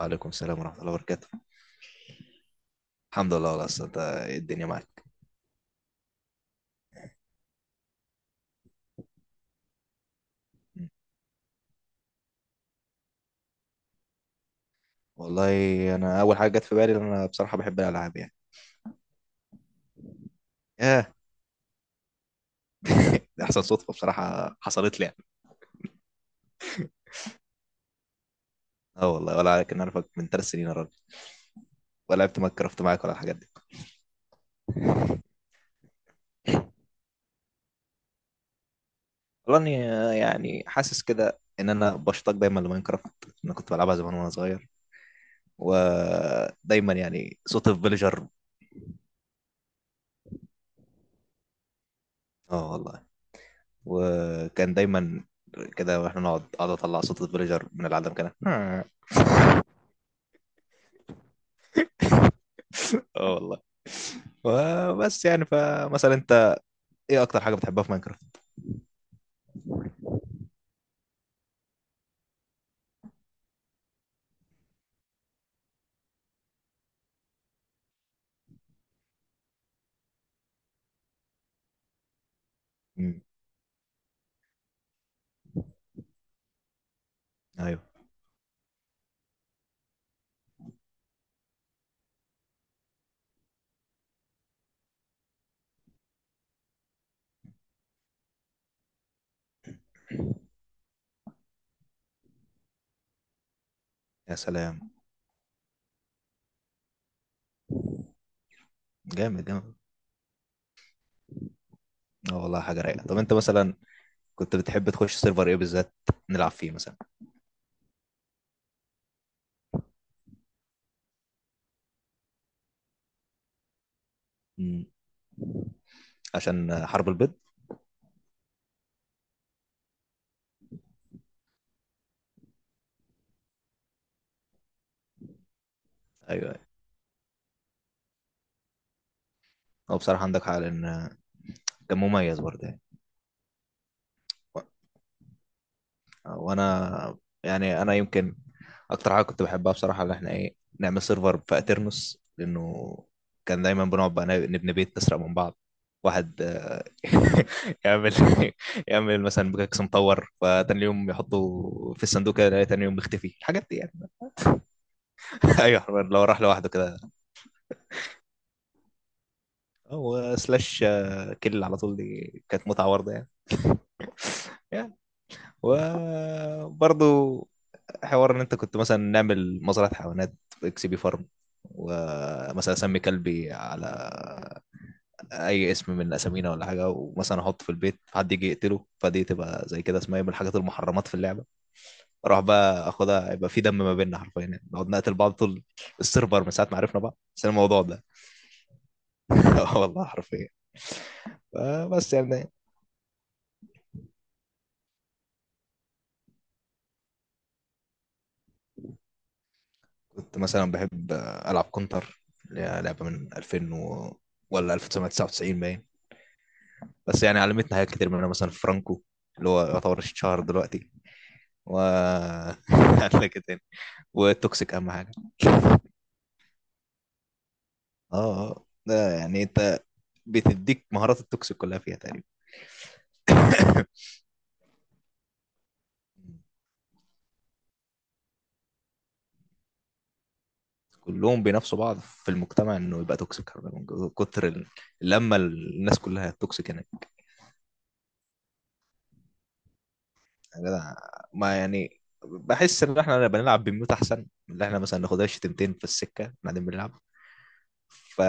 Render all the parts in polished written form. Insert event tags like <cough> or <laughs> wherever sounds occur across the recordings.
وعليكم السلام ورحمة الله وبركاته. الحمد لله. والله أصل أنت إيه الدنيا معاك؟ والله أنا أول حاجة جت في بالي إن أنا بصراحة بحب الألعاب يعني. ياه. <laughs> دي أحسن صدفة بصراحة حصلت لي يعني. أه والله، ولا عليك إن أنا أعرفك من 3 سنين يا راجل، ولا لعبت ماينكرافت معاك ولا الحاجات دي. والله إني يعني حاسس كده إن أنا بشتاق دايما لماينكرافت. أنا كنت بلعبها زمان وأنا صغير، ودايما يعني صوت الفيلجر. أه والله، وكان دايما كده، واحنا نقعد اقعد اطلع صوت الفيلجر من العدم كده. اه والله. بس يعني فمثلا انت، ايه اكتر حاجه بتحبها في ماينكرافت؟ امم ايوه. يا سلام. جامد جامد. اه والله، حاجه رايقه. طب انت مثلا كنت بتحب تخش سيرفر ايه بالذات، نلعب فيه مثلا؟ امم، عشان حرب البيض. ايوه ايوه، هو بصراحه عندك حق، لان كان مميز برضه يعني. وانا يعني انا يمكن اكتر حاجه كنت بحبها بصراحه، اللي احنا ايه نعمل سيرفر في اترنس، لانه كان دايما بنقعد بقى نبني بيت نسرق من بعض. واحد <laughs> يعمل يعمل مثلا بكاكس مطور، فتاني يوم يحطه في الصندوق كده يلاقي تاني يوم مختفي الحاجات دي يعني. <laughs> ايوه حرفياً، لو راح لوحده كده. هو سلاش كل على طول، دي كانت متعه برضه يعني. <laughs> يعني. وبرضه حوار ان انت كنت مثلا نعمل مزرعه حيوانات في اكس بي فارم، ومثلا اسمي كلبي على اي اسم من اسامينا ولا حاجه، ومثلا احطه في البيت حد يجي يقتله، فدي تبقى زي كده اسمها إيه من الحاجات المحرمات في اللعبه. اروح بقى اخدها، يبقى في دم ما بيننا حرفيا يعني، نقعد نقتل بعض طول السيرفر من ساعه ما عرفنا بعض، بس الموضوع ده. <laughs> والله حرفيا. بس يعني كنت مثلا بحب العب كونتر، اللي هي لعبه من 2000 ولا 1999 باين. بس يعني علمتنا حاجات كتير، منها مثلا فرانكو، اللي هو يعتبر الشهر دلوقتي. و <laughs> لك تاني. والتوكسيك اهم حاجه. اه اه ده يعني انت بتديك مهارات التوكسيك كلها فيها تقريبا. كلهم بينافسوا بعض في المجتمع انه يبقى توكسيك، من كتر لما الناس كلها توكسيك هناك. يا جدع، ما يعني بحس ان احنا بنلعب بميوت احسن من اللي احنا مثلا ناخدها شتيمتين في السكه بعدين بنلعب. ف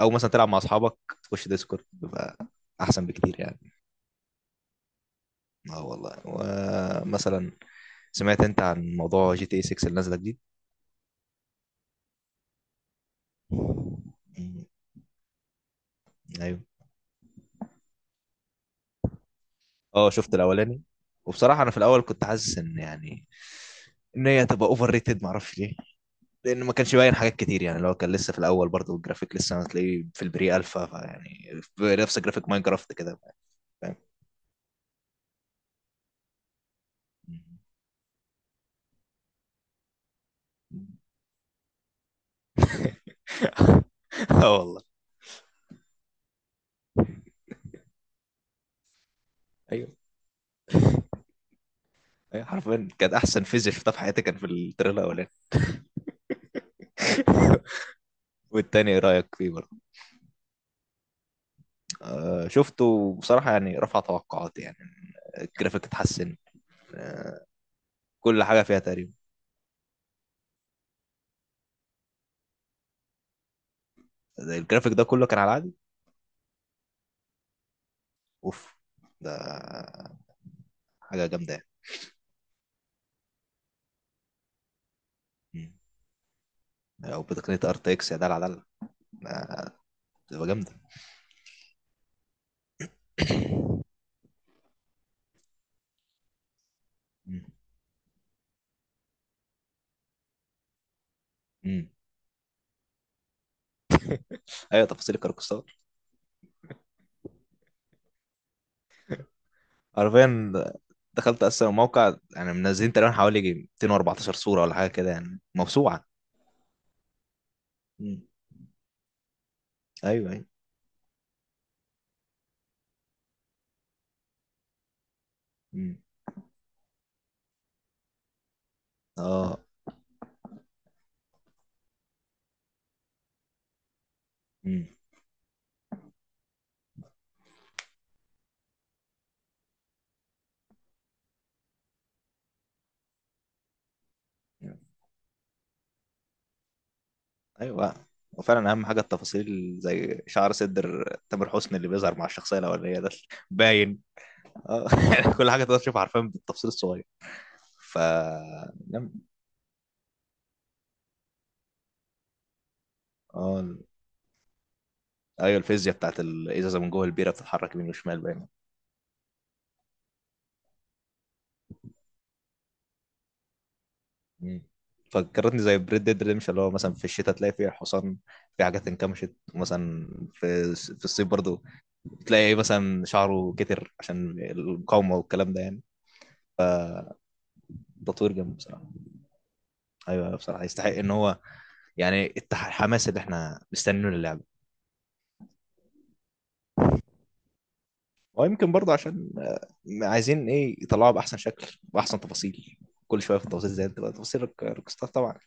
او مثلا تلعب مع اصحابك تخش ديسكورد، بيبقى احسن بكتير يعني. اه والله، ومثلا سمعت انت عن موضوع جي تي اي 6 اللي نازله جديد؟ مم. ايوه، اه شفت الاولاني. وبصراحه انا في الاول كنت حاسس ان يعني ان هي تبقى اوفر ريتد، معرفش ليه، لان ما كانش باين حاجات كتير يعني. لو كان لسه في الاول برضه الجرافيك لسه هتلاقيه في البري الفا، فيعني في نفس جرافيك ماينكرافت كده. فاهم. <laughs> اه والله. ايوه ايوه، حرفيا كانت احسن فيزيك شفتها في حياتي، كان في التريلر الاولاني. <laughs> والتاني ايه رايك فيه برضه؟ شفته. بصراحة يعني رفع توقعاتي يعني، الجرافيك اتحسن. آه، كل حاجة فيها تقريبا. ده الجرافيك ده كله كان على العادي. اوف. ده حاجة جامدة يعني. مم. او بتقنية ار تي اكس، يا دلع دلع. ده بتبقى جامدة. مم. مم. ايوه، تفاصيل الكاركستار. حرفيا دخلت اصلا الموقع يعني، منزلين تقريبا حوالي يجي 214 صورة ولا حاجة كده، يعني موسوعة. مم. ايوه ايوه. مم. اه. مم. ايوه، وفعلا اهم حاجه التفاصيل، زي شعر صدر تامر حسني اللي بيظهر مع الشخصيه الاولانيه ده، باين. اه <laughs> كل حاجه تقدر تشوفها، عارفين بالتفصيل الصغير. ف نعم. اه، ايوه الفيزياء بتاعت الازازه من جوه البيره بتتحرك يمين وشمال، باين. مم. فكرتني زي بريد ديد ريمش، اللي هو مثلا في الشتاء تلاقي فيه حصان في حاجات انكمشت مثلا، في الصيف برضو تلاقي مثلا شعره كتر عشان المقاومه والكلام ده يعني. تطوير جامد بصراحه. ايوه بصراحه يستحق ان هو، يعني الحماس اللي احنا مستنينه للعبه. ويمكن برضه عشان عايزين ايه يطلعوها باحسن شكل، باحسن تفاصيل. كل شويه في التفاصيل، زي انت بقى تفاصيل روكستار طبعا.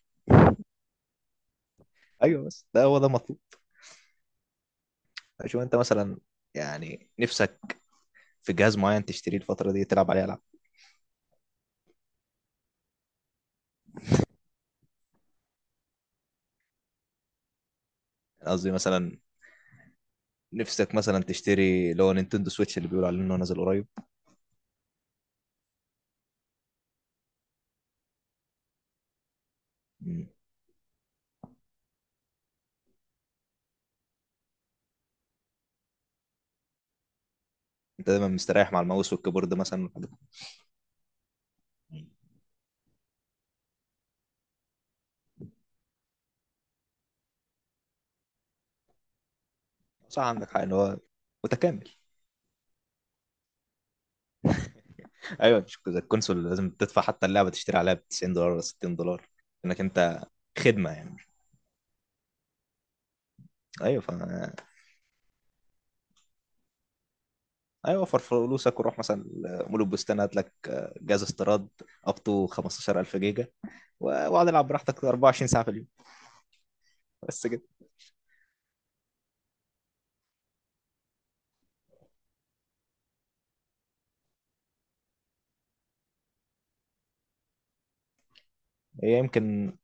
ايوه بس ده هو ده المطلوب. شوف انت مثلا، يعني نفسك في جهاز معين تشتريه الفتره دي تلعب عليه العاب. يعني قصدي مثلا نفسك مثلا تشتري اللي هو نينتندو سويتش، اللي بيقولوا عليه انه نازل قريب. مم. انت دايما مستريح مع الماوس والكيبورد مثلا. صح، عندك حق ان هو متكامل. ايوه مش كده، الكونسول لازم تدفع حتى اللعبه تشتري عليها ب $90 ولا $60، انك انت خدمه يعني. ايوه ف ايوه، وفر فلوسك وروح مثلا مول البستان، هات لك جهاز استيراد اب تو 15,000 جيجا، واقعد العب براحتك 24 ساعه في اليوم. بس كده. هي يمكن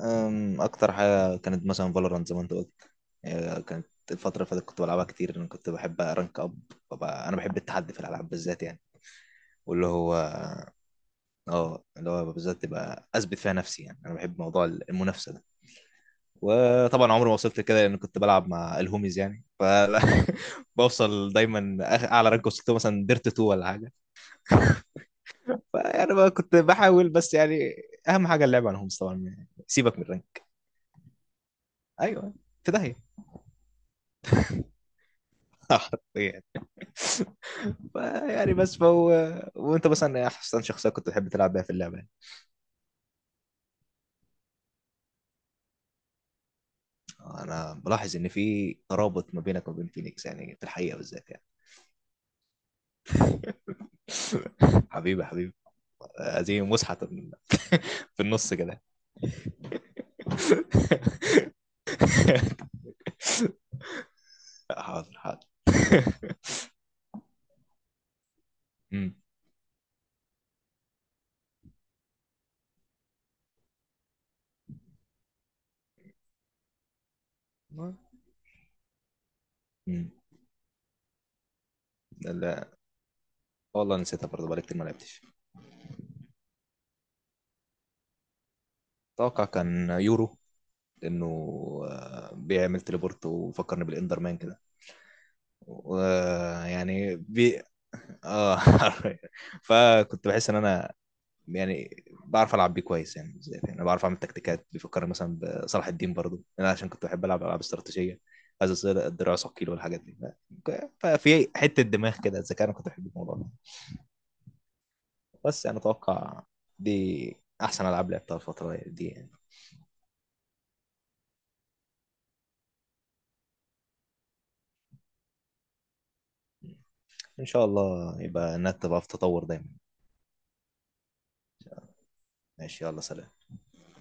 اكتر حاجه كانت مثلا فالورانت زي ما انت قلت. هي كانت الفتره اللي فاتت كنت بلعبها كتير، لان كنت بحب ارانك اب. ببقى- انا بحب التحدي في الالعاب بالذات يعني. واللي هو، اه اللي هو بالذات تبقى اثبت فيها نفسي، يعني انا بحب موضوع المنافسه ده. وطبعا عمري ما وصلت لكده، لان كنت بلعب مع الهوميز يعني، فلا بوصل. <laughs> دايما اعلى رانك وصلت له مثلا ديرت 2 ولا حاجه. فيعني بقى كنت بحاول، بس يعني اهم حاجه اللعب على الهوميز طبعا، سيبك من الرانك. ايوه، في داهيه. <laughs> حرفيا. فيعني بس فهو. وانت مثلا إيه احسن شخصيه كنت تحب تلعب بيها في اللعبه يعني؟ انا بلاحظ ان في ترابط ما بينك وبين فينيكس يعني في الحقيقه بالذات يعني. <laughs> حبيبي حبيبي. هذه مسحة <laughs> في النص كده. <laughs> حاضر حاضر. مم. مم. لا، والله نسيتها برضه بقالي كتير ما لعبتش. اتوقع كان يورو، لانه بيعمل تليبورت وفكرني بالاندر مان كده، يعني اه. <laughs> فكنت بحس ان انا، يعني بعرف العب بيه كويس، يعني زي يعني بعرف اعمل تكتيكات، بيفكرني مثلا بصلاح الدين برضه، انا عشان كنت بحب العب العاب استراتيجيه، عايز اصير الدراع ثقيل والحاجات دي. ففي حته دماغ كده الذكاء، انا كنت بحب الموضوع ده. بس انا اتوقع دي احسن العاب لعبتها الفتره دي يعني. ان شاء الله يبقى النت بقى في تطور دايما. ماشي، يلا سلام.